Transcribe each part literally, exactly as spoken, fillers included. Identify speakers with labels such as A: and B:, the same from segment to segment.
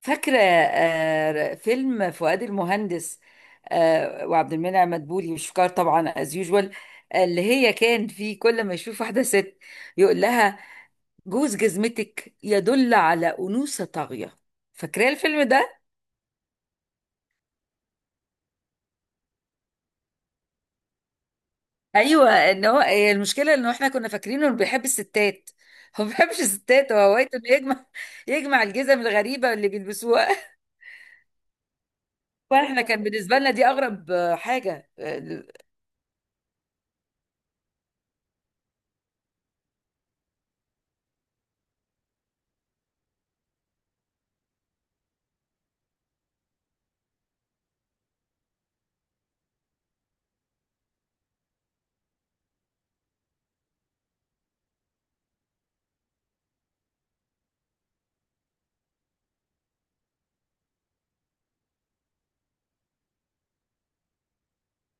A: فاكرة آه، فيلم فؤاد المهندس، آه، وعبد المنعم مدبولي وشكار طبعا از يوجوال، اللي هي كان فيه كل ما يشوف واحدة ست يقول لها جوز جزمتك يدل على أنوثة طاغية. فاكرة الفيلم ده؟ ايوه، ان هو هي المشكلة انه احنا كنا فاكرينه انه بيحب الستات. هو ما بيحبش الستات، هو هوايته انه يجمع يجمع الجزم الغريبة اللي بيلبسوها. واحنا كان بالنسبة لنا دي اغرب حاجة.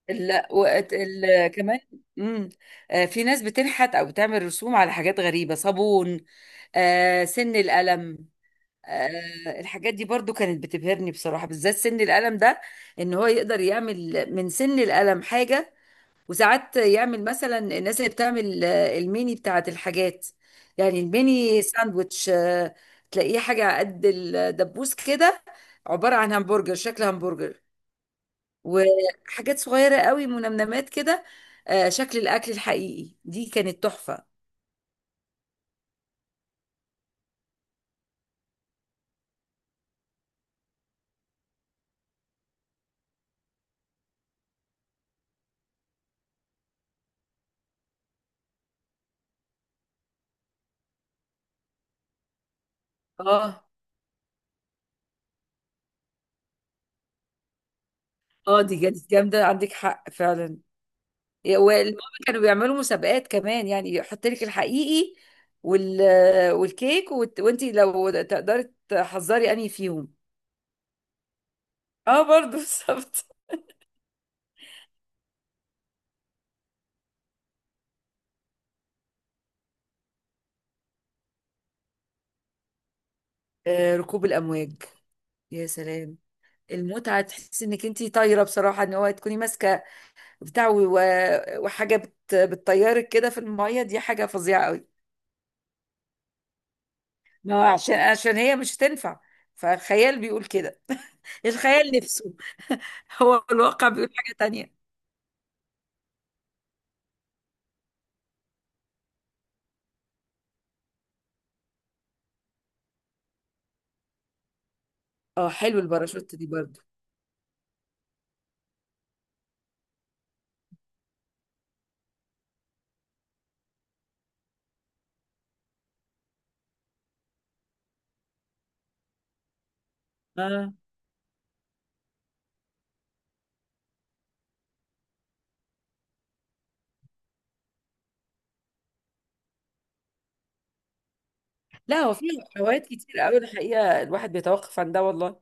A: لا وقت ال... كمان. امم. آه، في ناس بتنحت او بتعمل رسوم على حاجات غريبه، صابون، آه سن القلم. آه، الحاجات دي برضو كانت بتبهرني بصراحه، بالذات سن القلم ده، ان هو يقدر يعمل من سن القلم حاجه. وساعات يعمل مثلا الناس اللي بتعمل آه، الميني بتاعت الحاجات، يعني الميني ساندويتش. آه، تلاقيه حاجه على قد الدبوس كده، عباره عن همبرجر، شكل همبرجر. وحاجات صغيرة قوي، منمنمات كده. آه، شكل الأكل الحقيقي، دي كانت تحفة. اه. اه دي كانت جامدة، عندك حق فعلا. والماما كانوا بيعملوا مسابقات كمان، يعني يحط لك الحقيقي وال... والكيك وت... وانت لو تقدري تحذري انهي فيهم. اه برضو بالظبط. آه، ركوب الأمواج، يا سلام! المتعة تحسي انك انتي طايرة بصراحة، ان هو تكوني ماسكة بتاع و- وحاجة بت... بتطيرك كده في المية، دي حاجة فظيعة قوي. ما هو عشان عشان هي مش هتنفع، فالخيال بيقول كده. الخيال نفسه. هو الواقع بيقول حاجة تانية. اه، حلو الباراشوت دي برضو. لا هو في هوايات كتير قوي الحقيقه، الواحد بيتوقف عن ده والله.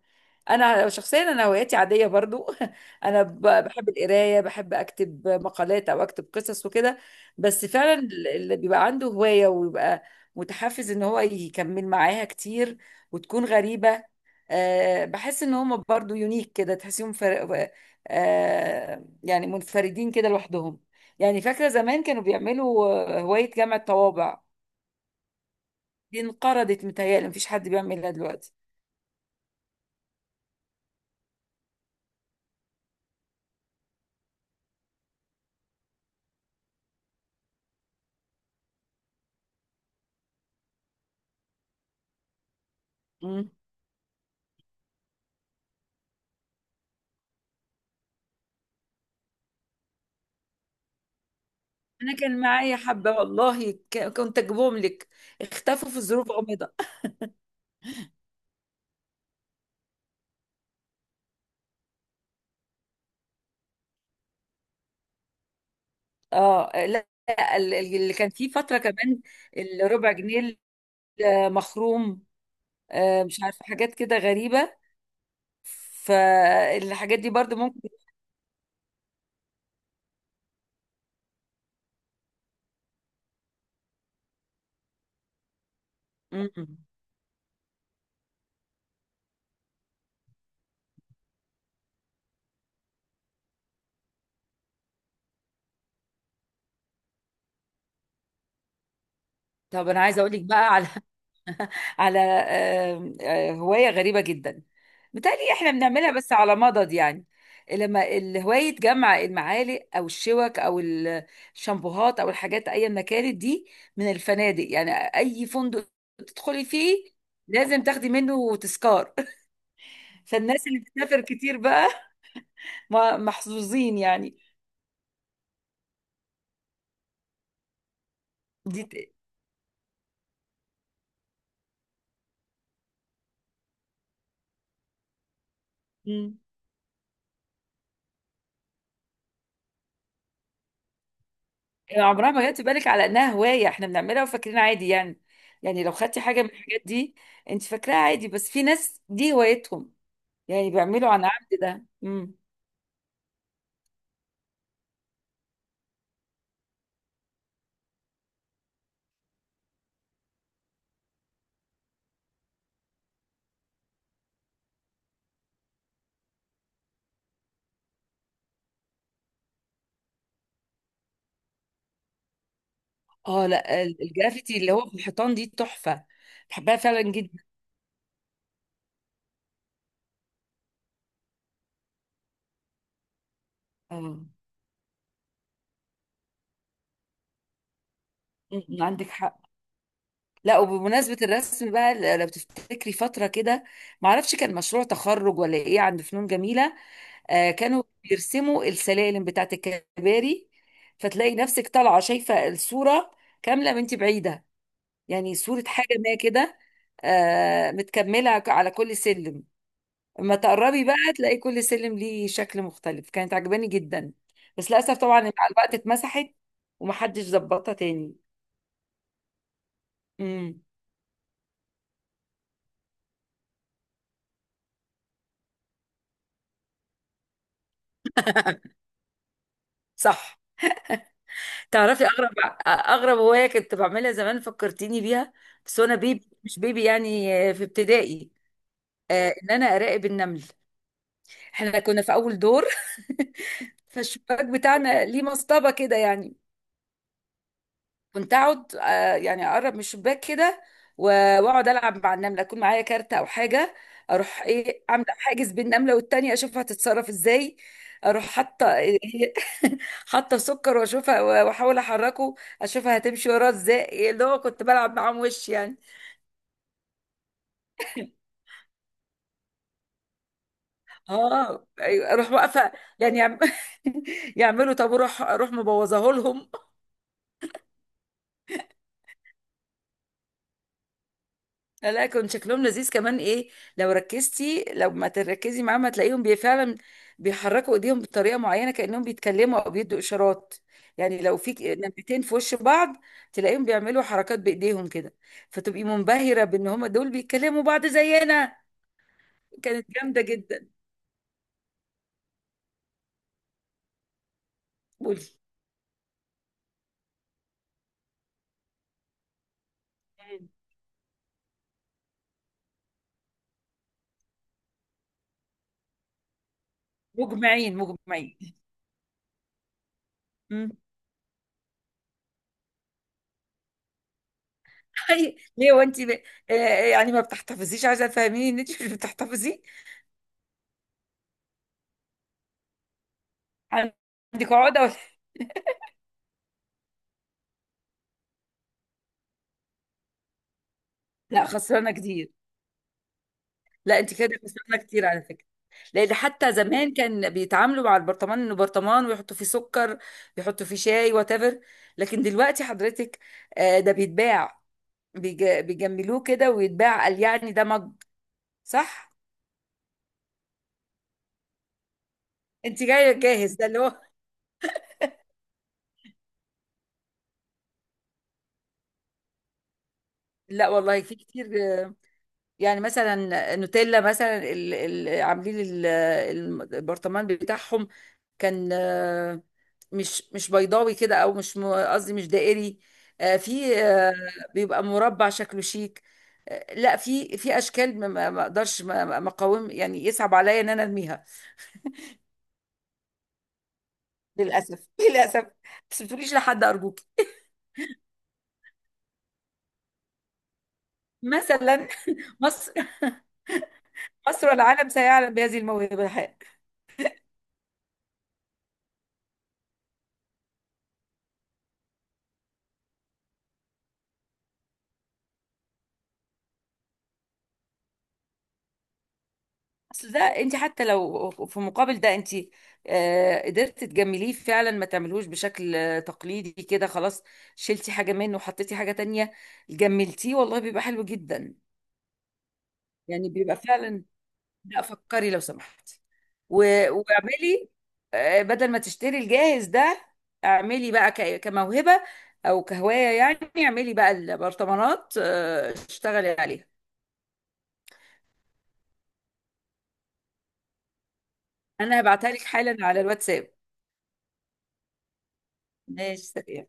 A: انا شخصيا انا هواياتي عاديه برضو. انا ب- بحب القرايه، بحب اكتب مقالات او اكتب قصص وكده. بس فعلا اللي بيبقى عنده هوايه ويبقى متحفز ان هو يكمل معاها كتير وتكون غريبه، أه بحس ان هم برضو يونيك كده، تحسيهم فر... أه، آه، يعني منفردين كده لوحدهم. يعني فاكره زمان كانوا بيعملوا آه، هوايه جمع الطوابع، دي انقرضت متهيألي، مفيش حد بيعملها دلوقتي. مم. انا كان معايا حبة والله، ك- كنت اجيبهم لك، اختفوا في ظروف غامضة. اه لا لا، ال- اللي كان فيه فترة كمان، الربع جنيه المخروم، آه، مش عارفة حاجات كده غريبة، فالحاجات دي برضو ممكن. م- م. طب انا عايزة اقول لك بقى على على آه، آه، هواية غريبة جدا. متهيألي احنا بنعملها بس على مضض يعني، لما الهواية جمع المعالق أو الشوك أو الشامبوهات أو الحاجات أيا ما كانت دي، من الفنادق، يعني أي فندق تدخلي فيه لازم تاخدي منه تذكار. فالناس اللي بتسافر كتير بقى ما- محظوظين يعني. دي عمرها ما جت في بالك على انها هوايه احنا بنعملها وفاكرين عادي يعني. يعني لو خدتي حاجه من الحاجات دي، انت فاكراها عادي، بس في ناس دي هوايتهم، يعني بيعملوا عن عمد ده. امم. اه، لا ال- الجرافيتي اللي هو في الحيطان دي تحفه، بحبها فعلا جدا. اه، أمم، عندك حق. لا وبمناسبه الرسم بقى، ل- لو تفتكري فتره كده، ما اعرفش كان مشروع تخرج ولا ايه عند فنون جميله، آه، كانوا بيرسموا السلالم بتاعت الكباري، فتلاقي نفسك طالعه شايفه الصوره كامله وانت بعيده، يعني صوره حاجه ما كده، آه، متكمله على كل سلم. اما تقربي بقى تلاقي كل سلم ليه شكل مختلف، كانت عجباني جدا. بس للاسف طبعا مع الوقت اتمسحت ومحدش ظبطها تاني. امم. صح، تعرفي اغرب اغرب هوايه كنت بعملها زمان فكرتيني بيها، بس وانا بيبي، مش بيبي يعني، آه، في ابتدائي، آه، ان انا اراقب النمله. احنا كنا في اول دور. فالشباك بتاعنا ليه مصطبه كده يعني، كنت اقعد، آه، يعني اقرب من الشباك كده و- واقعد العب مع النمله، اكون معايا كارت او حاجه، اروح ايه عامله حاجز بين النمله والتانيه، اشوفها هتتصرف ازاي. اروح حاطه حاطه سكر واشوفها واحاول احركه، اشوفها هتمشي وراه ازاي، إيه اللي هو كنت بلعب معاهم وش يعني. اه أيوة، اروح واقفه يعني يعم- يعملوا طابور اروح، أروح مبوظاه لهم. لا لا، كان شكلهم لذيذ كمان، ايه لو ركزتي، لو ما تركزي معاهم هتلاقيهم بي فعلا بيحركوا ايديهم بطريقه معينه، كانهم بيتكلموا او بيدوا اشارات. يعني لو في ك- نمرتين في وش بعض، تلاقيهم بيعملوا حركات بايديهم كده، فتبقي منبهره بان هم دول بيتكلموا بعض زينا. كانت جامده جدا. قولي. مم. مجمعين مجمعين. مم. أي- ليه وانت ب... آه، آه، يعني ما بتحتفظيش، عايزه تفهميني ان انت مش بتحتفظي، عندك عقده ولا. لا خسرانه كتير. لا انت كده خسرانه كتير على فكره، لان حتى زمان كان بيتعاملوا مع البرطمان انه برطمان، ويحطوا فيه سكر، يحطوا فيه شاي وات ايفر، لكن دلوقتي حضرتك آه، ده بيتباع، بيج- بيجملوه كده ويتباع، قال يعني ده مج. صح. انت جايه جاهز، ده اللي هو. لا والله في كتير، يعني مثلا نوتيلا مثلا ال- ال- عاملين ال- البرطمان بتاعهم كان، آه، مش مش بيضاوي كده، او مش م- قصدي مش دائري، آه، في آه، بيبقى مربع، شكله شيك، آه، لا في في اشكال ما ما- ما اقدرش، ما- ما- مقاوم يعني، يصعب عليا ان انا ارميها. للاسف للاسف. بس ما تقوليش لحد ارجوك. مثلا، مصر، مصر والعالم سيعلم بهذه الموهبه. اصل ده انت حتى لو في مقابل ده انت، آه، قدرت تجمليه فعلا، ما تعملهوش بشكل آه، تقليدي كده خلاص، شلتي حاجة منه وحطيتي حاجة تانية، جملتيه، والله بيبقى حلو جدا، يعني بيبقى فعلا. لا فكري لو سمحتي و- واعملي، آه، بدل ما تشتري الجاهز ده، اعملي بقى ك- كموهبة او كهواية يعني، اعملي بقى البرطمانات، آه، اشتغلي عليها. انا هبعتها لك حالا على الواتساب. ماشي، سلام.